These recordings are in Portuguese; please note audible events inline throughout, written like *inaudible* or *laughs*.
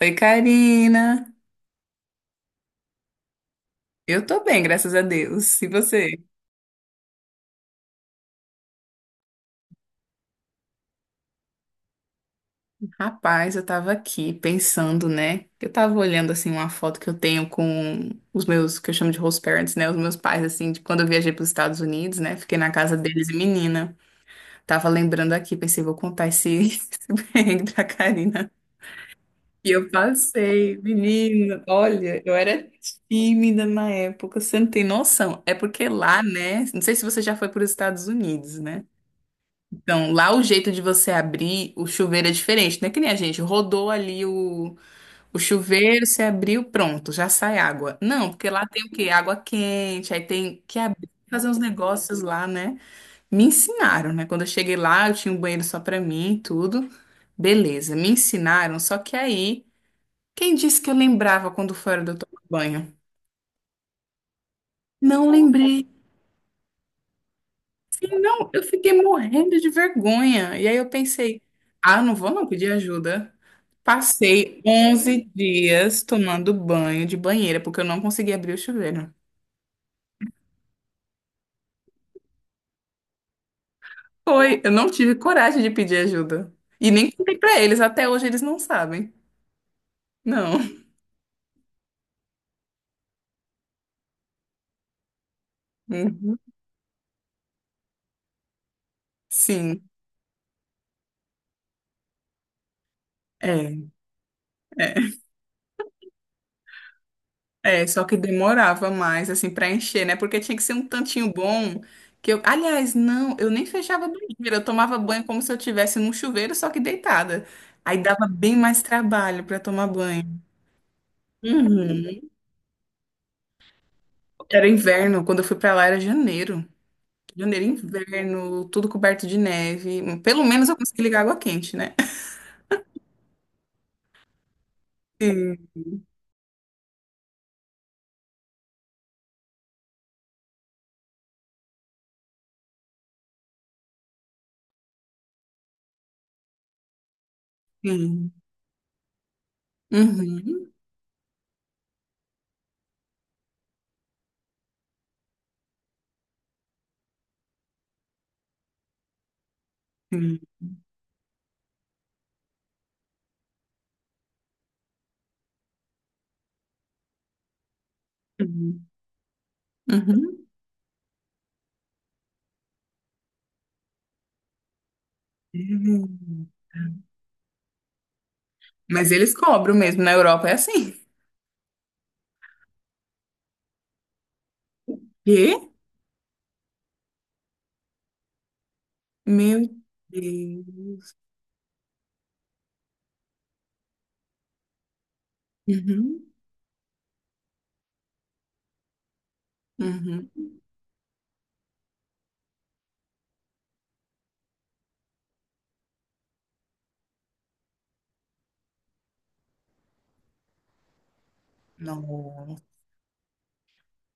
Oi, Karina. Eu tô bem, graças a Deus. E você? Rapaz, eu tava aqui pensando, né? Eu tava olhando assim uma foto que eu tenho com os meus, que eu chamo de host parents, né? Os meus pais, assim, de quando eu viajei para os Estados Unidos, né? Fiquei na casa deles e menina. Tava lembrando aqui, pensei, vou contar esse, *laughs* esse perrengue pra Karina. E eu passei, menina, olha, eu era tímida na época, você não tem noção. É porque lá, né? Não sei se você já foi para os Estados Unidos, né? Então, lá o jeito de você abrir o chuveiro é diferente, não é que nem a gente, rodou ali o chuveiro, você abriu, pronto, já sai água. Não, porque lá tem o quê? Água quente, aí tem que abrir, fazer uns negócios lá, né? Me ensinaram, né? Quando eu cheguei lá, eu tinha um banheiro só pra mim, e tudo. Beleza, me ensinaram, só que aí, quem disse que eu lembrava quando fora de eu tomar banho? Não lembrei. Não, eu fiquei morrendo de vergonha. E aí eu pensei, ah, não vou não pedir ajuda. Passei 11 dias tomando banho de banheira, porque eu não consegui abrir o chuveiro. Foi, eu não tive coragem de pedir ajuda. E nem contei pra eles, até hoje eles não sabem. Não. Uhum. Sim, é. É. É, só que demorava mais, assim, pra encher, né? Porque tinha que ser um tantinho bom que eu... Aliás, não, eu nem fechava a banheira, eu tomava banho como se eu estivesse num chuveiro, só que deitada. Aí dava bem mais trabalho pra tomar banho. Uhum. Era inverno, quando eu fui pra lá era janeiro. Janeiro, inverno, tudo coberto de neve. Pelo menos eu consegui ligar água quente, né? Sim, sim. Uhum, sim. Uhum. Uhum. Uhum. Mas eles cobram mesmo, na Europa é assim. Quê? Meu Deus. Uhum. Uhum. Nossa,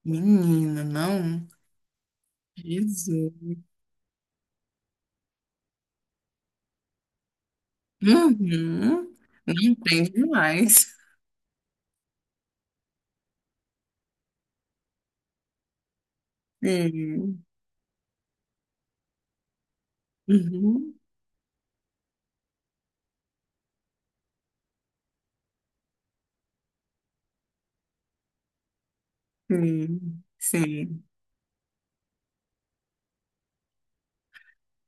menina, não. Jesus. Uhum. Não entende mais. Sim. Uhum. Sim. Sim.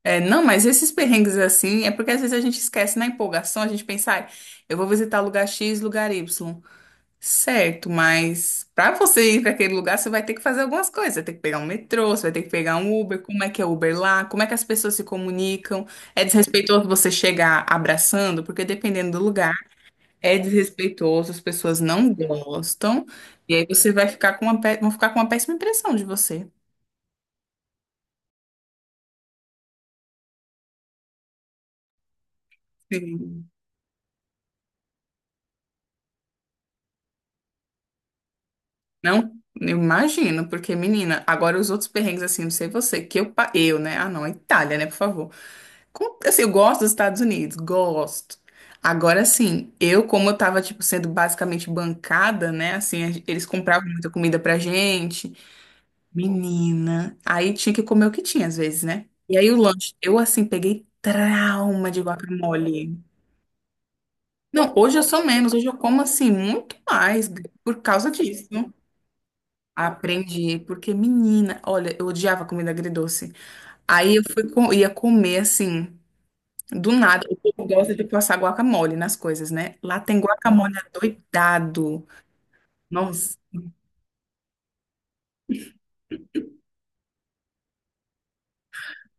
É, não, mas esses perrengues assim, é porque às vezes a gente esquece na empolgação, a gente pensa, "Ai, eu vou visitar lugar X, lugar Y. Certo, mas para você ir para aquele lugar, você vai ter que fazer algumas coisas. Você vai ter que pegar um metrô, você vai ter que pegar um Uber. Como é que é Uber lá? Como é que as pessoas se comunicam? É desrespeitoso você chegar abraçando, porque dependendo do lugar, é desrespeitoso, as pessoas não gostam. E aí você vai ficar com uma, pé- vão ficar com uma péssima impressão de você. Sim. Não? Eu imagino, porque, menina, agora os outros perrengues, assim, não sei você, que eu, pa- eu, né? Ah, não, a Itália, né, por favor. Com- Assim, eu gosto dos Estados Unidos, gosto. Agora sim, eu, como eu tava, tipo, sendo basicamente bancada, né? Assim, a gen- eles compravam muita comida pra gente. Menina. Aí tinha que comer o que tinha, às vezes, né? E aí o lanche, eu, assim, peguei trauma de guacamole. Não, hoje eu sou menos, hoje eu como, assim, muito mais por causa disso. Aprendi, porque menina, olha, eu odiava comida agridoce. Aí eu fui, co- ia comer assim. Do nada, o povo gosta de passar guacamole nas coisas, né? Lá tem guacamole adoidado. Nossa.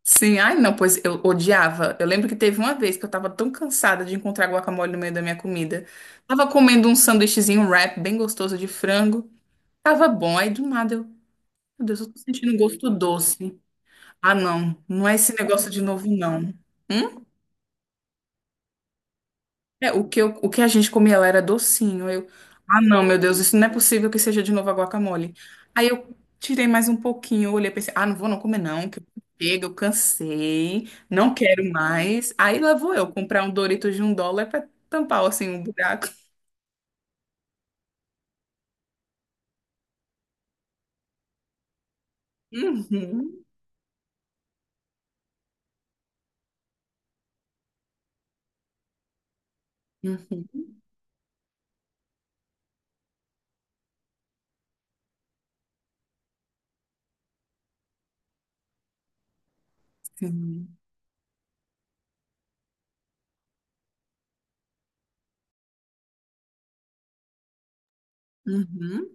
Sim, ai não, pois eu odiava. Eu lembro que teve uma vez que eu tava tão cansada de encontrar guacamole no meio da minha comida. Tava comendo um sanduíchezinho um wrap bem gostoso de frango. Tava bom, aí do nada eu, meu Deus, eu tô sentindo um gosto doce. Ah, não, não é esse negócio de novo, não. É, o que, eu- o que a gente comia lá era docinho. Eu, ah, não, meu Deus, isso não é possível que seja de novo a guacamole. Aí eu tirei mais um pouquinho, olhei e pensei, ah, não vou não comer não, que chega, eu cansei, não quero mais. Aí lá vou eu comprar um Doritos de um dólar pra tampar, assim, um buraco. Uhum, uhum, sim, uhum.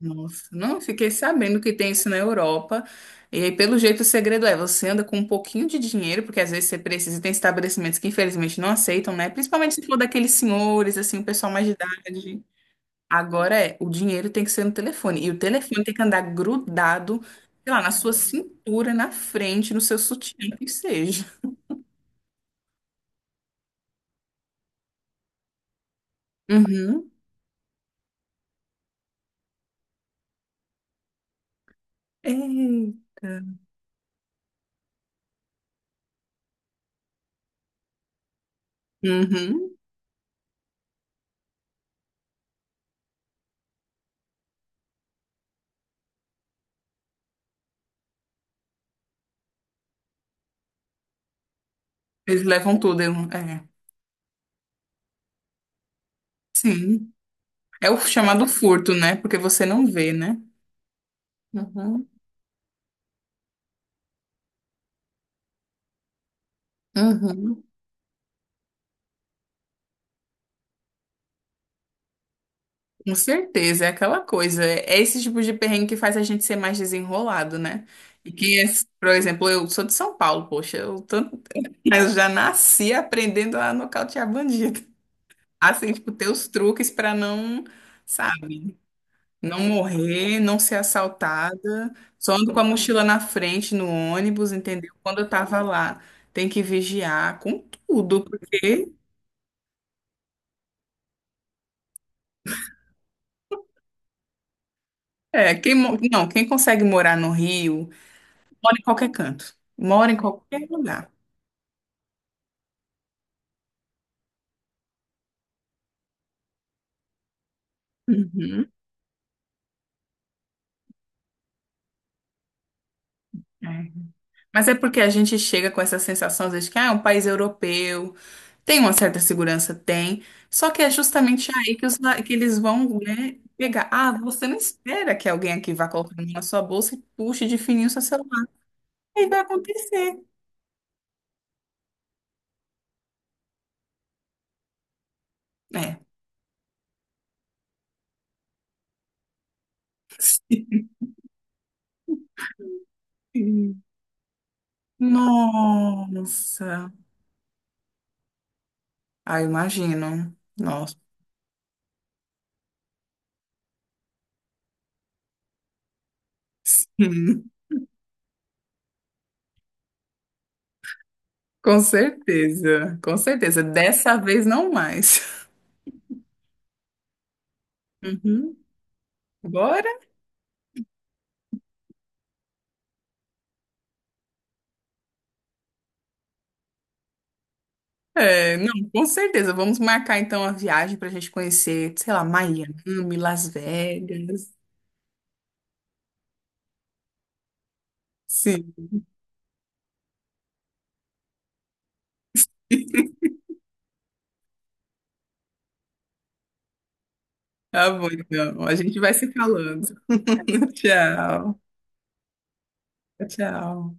Nossa, não fiquei sabendo que tem isso na Europa. E aí, pelo jeito, o segredo é você anda com um pouquinho de dinheiro, porque às vezes você precisa, e tem estabelecimentos que infelizmente não aceitam, né? Principalmente se for daqueles senhores, assim, o pessoal mais de idade. Agora é, o dinheiro tem que ser no telefone. E o telefone tem que andar grudado, sei lá, na sua cintura, na frente, no seu sutiã, que seja. Uhum. Eita. Uhum. Eles levam tudo. Eu- É. Sim. É o chamado furto, né? Porque você não vê, né? Uhum. Uhum. Com certeza, é aquela coisa. É esse tipo de perrengue que faz a gente ser mais desenrolado, né? E quem é, por exemplo, eu sou de São Paulo, poxa, eu, tô, *laughs* mas eu já nasci aprendendo a nocautear bandido. Assim, tipo, ter os truques pra não, sabe, não morrer, não ser assaltada. Só ando com a mochila na frente no ônibus, entendeu? Quando eu tava lá, tem que vigiar com tudo, porque é, quem, mo- não, quem consegue morar no Rio. Mora em qualquer canto. Mora em qualquer lugar. Uhum, é. Mas é porque a gente chega com essa sensação, às vezes, que ah, é um país europeu, tem uma certa segurança, tem. Só que é justamente aí que, os- que eles vão, né, pegar. Ah, você não espera que alguém aqui vá colocar a mão na sua bolsa e puxe de fininho seu celular. Aí vai acontecer. É. *laughs* Sim. Nossa. Ah, imagino. Nossa. *laughs* Hum, com certeza, com certeza. Dessa vez não mais. Uhum. Bora? É, não, com certeza. Vamos marcar então a viagem para a gente conhecer, sei lá, Miami, Las Vegas. Sim, tá bom então. A gente vai se falando. *laughs* Tchau, tchau.